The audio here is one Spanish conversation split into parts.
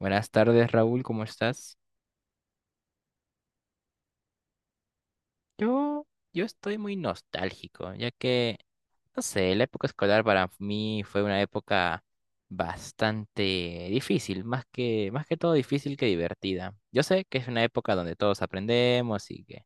Buenas tardes, Raúl, ¿cómo estás? Yo, yo estoy muy nostálgico, ya que, no sé, la época escolar para mí fue una época bastante difícil, más que todo difícil que divertida. Yo sé que es una época donde todos aprendemos y que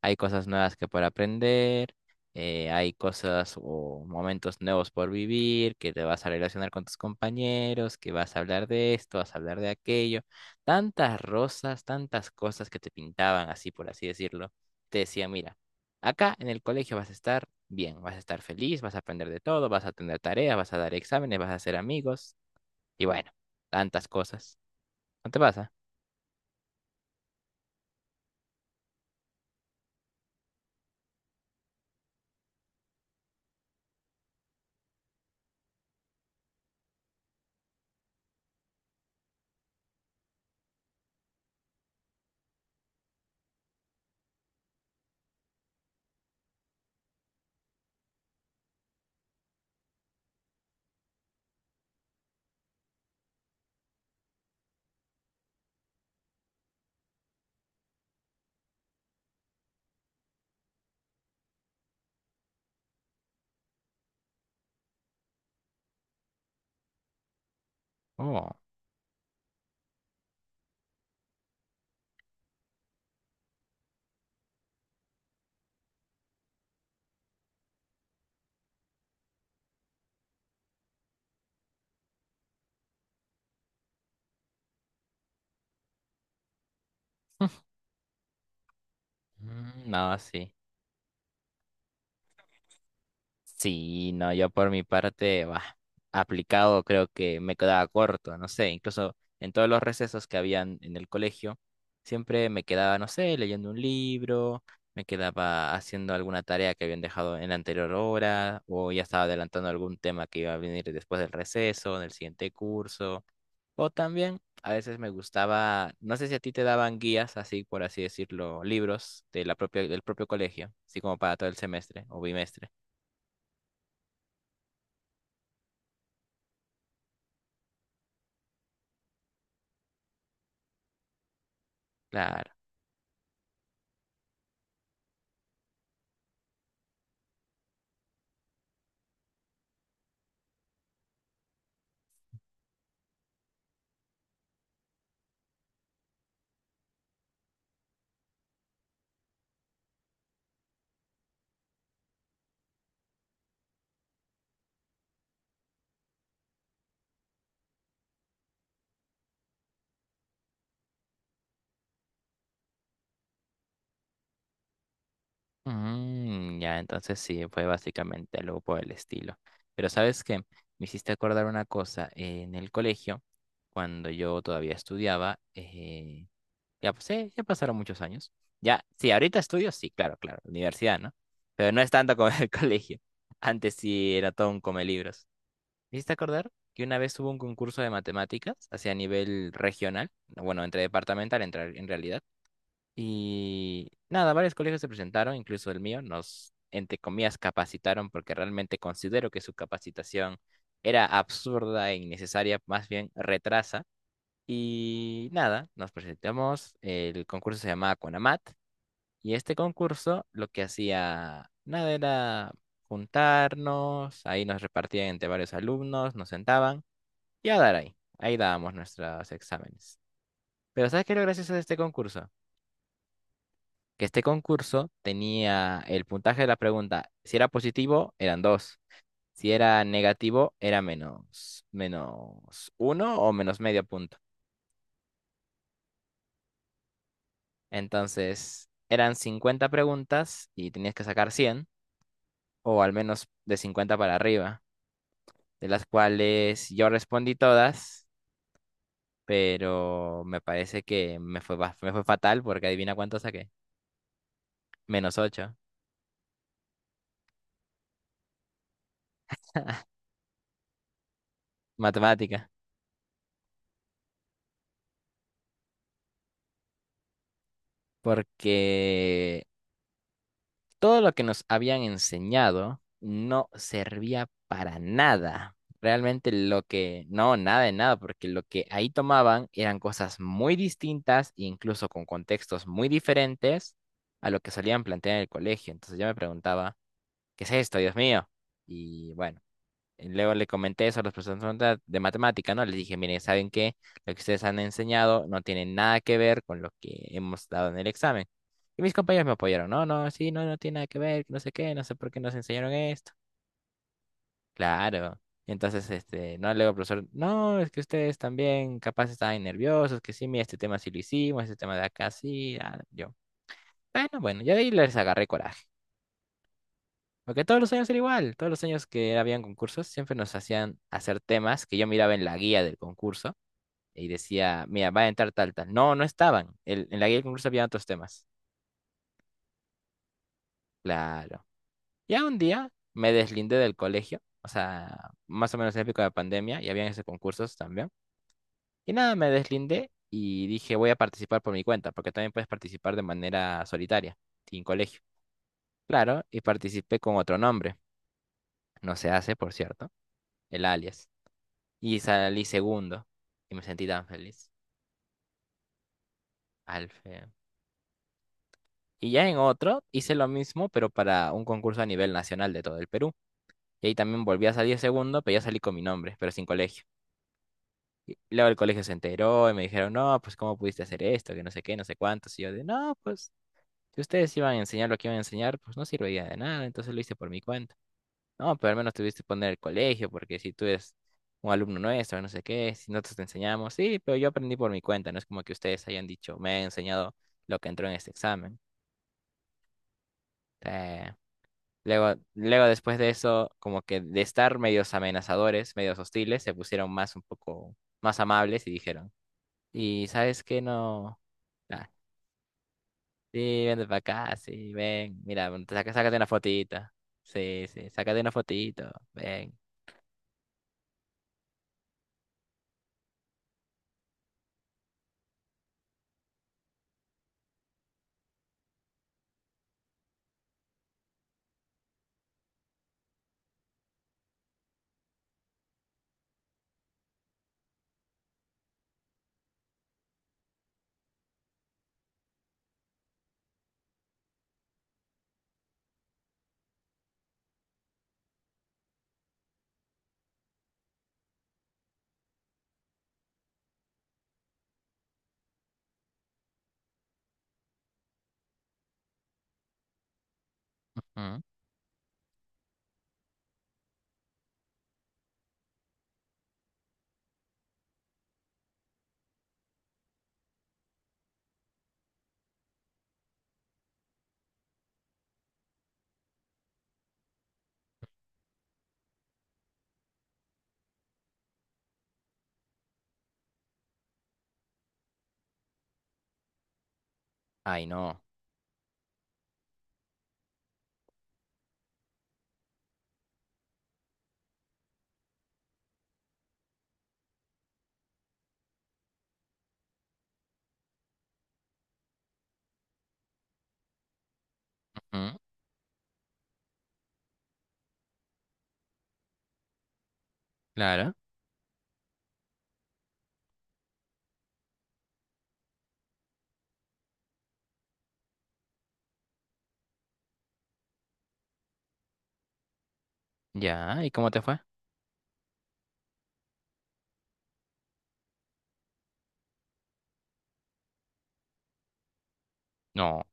hay cosas nuevas que para aprender, hay cosas o momentos nuevos por vivir, que te vas a relacionar con tus compañeros, que vas a hablar de esto, vas a hablar de aquello. Tantas rosas, tantas cosas que te pintaban así, por así decirlo. Te decían, mira, acá en el colegio vas a estar bien, vas a estar feliz, vas a aprender de todo, vas a tener tareas, vas a dar exámenes, vas a hacer amigos y bueno, tantas cosas. ¿No te pasa? Oh. Mm, no, sí. Sí, no, yo por mi parte, bah, aplicado creo que me quedaba corto, no sé, incluso en todos los recesos que habían en el colegio, siempre me quedaba, no sé, leyendo un libro, me quedaba haciendo alguna tarea que habían dejado en la anterior hora, o ya estaba adelantando algún tema que iba a venir después del receso, en el siguiente curso, o también a veces me gustaba, no sé si a ti te daban guías, así por así decirlo, libros de la propia, del propio colegio, así como para todo el semestre o bimestre. Claro. Mm, ya, entonces sí, fue básicamente algo por el estilo. Pero ¿sabes qué? Me hiciste acordar una cosa. En el colegio, cuando yo todavía estudiaba, ya pasaron muchos años. Ya, sí, ahorita estudio, sí, claro, claro, universidad, ¿no? Pero no es tanto como el colegio. Antes sí era todo un come libros. Me hiciste acordar que una vez hubo un concurso de matemáticas hacia nivel regional, bueno, entre departamental en, en realidad. Y nada, varios colegios se presentaron, incluso el mío, nos, entre comillas, capacitaron porque realmente considero que su capacitación era absurda e innecesaria, más bien retrasa. Y nada, nos presentamos, el concurso se llamaba Conamat y este concurso lo que hacía, nada, era juntarnos, ahí nos repartían entre varios alumnos, nos sentaban y a dar ahí, ahí dábamos nuestros exámenes. Pero ¿sabes qué es lo gracioso de este concurso? Que este concurso tenía el puntaje de la pregunta. Si era positivo, eran dos. Si era negativo, era menos, menos uno o menos medio punto. Entonces, eran 50 preguntas y tenías que sacar 100 o al menos de 50 para arriba, de las cuales yo respondí todas, pero me parece que me fue, me fue fatal porque adivina cuánto saqué. -8. Matemática. Porque todo lo que nos habían enseñado no servía para nada. Realmente lo que, no, nada de nada, porque lo que ahí tomaban eran cosas muy distintas, incluso con contextos muy diferentes a lo que solían plantear en el colegio. Entonces yo me preguntaba, ¿qué es esto, Dios mío? Y bueno. Y luego le comenté eso a los profesores de matemática, ¿no? Les dije, miren, ¿saben qué? Lo que ustedes han enseñado no tiene nada que ver con lo que hemos dado en el examen. Y mis compañeros me apoyaron, no, no, sí, no, no tiene nada que ver, no sé qué, no sé por qué nos enseñaron esto. Claro. Entonces, este, no, luego el profesor, no, es que ustedes también capaz estaban nerviosos, que sí, mira, este tema sí lo hicimos, este tema de acá sí, ah, yo. Bueno, bueno, yo de ahí les agarré coraje. Porque todos los años era igual, todos los años que habían concursos siempre nos hacían hacer temas que yo miraba en la guía del concurso y decía, mira, va a entrar tal, tal. No, no estaban. En la guía del concurso había otros temas. Claro. Ya un día me deslindé del colegio, o sea, más o menos en época de pandemia y habían esos concursos también. Y nada, me deslindé y dije, voy a participar por mi cuenta, porque también puedes participar de manera solitaria, sin colegio. Claro, y participé con otro nombre. No se hace, por cierto, el alias. Y salí segundo. Y me sentí tan feliz. Al fe- Y ya en otro hice lo mismo, pero para un concurso a nivel nacional de todo el Perú. Y ahí también volví a salir segundo, pero ya salí con mi nombre, pero sin colegio. Y luego el colegio se enteró y me dijeron, no, pues cómo pudiste hacer esto, que no sé qué, no sé cuántos. Y yo de, no, pues si ustedes iban a enseñar lo que iban a enseñar, pues no serviría de nada, entonces lo hice por mi cuenta. No, pero al menos tuviste que poner el colegio, porque si tú eres un alumno nuestro, no sé qué, si nosotros te enseñamos, sí, pero yo aprendí por mi cuenta, no es como que ustedes hayan dicho, me han enseñado lo que entró en este examen. Eh, Luego, luego después de eso, como que de estar medios amenazadores, medios hostiles, se pusieron más un poco más amables y dijeron, ¿y sabes qué no? Ah, sí, ven para acá, sí, ven, mira, sácate una fotita. Sí, sí, sácate una fotito, ven. Ujú. Ay, no. Claro, ya, ¿y cómo te fue? No.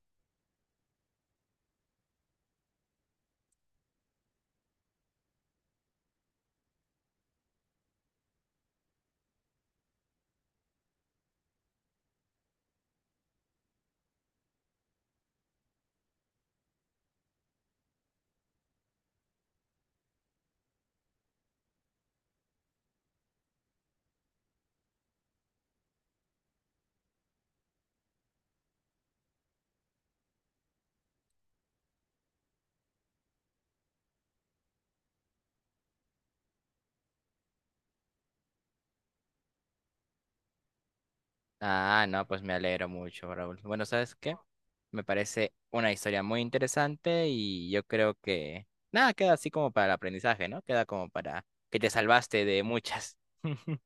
Ah, no, pues me alegro mucho, Raúl. Bueno, ¿sabes qué? Me parece una historia muy interesante y yo creo que nada, queda así como para el aprendizaje, ¿no? Queda como para que te salvaste de muchas.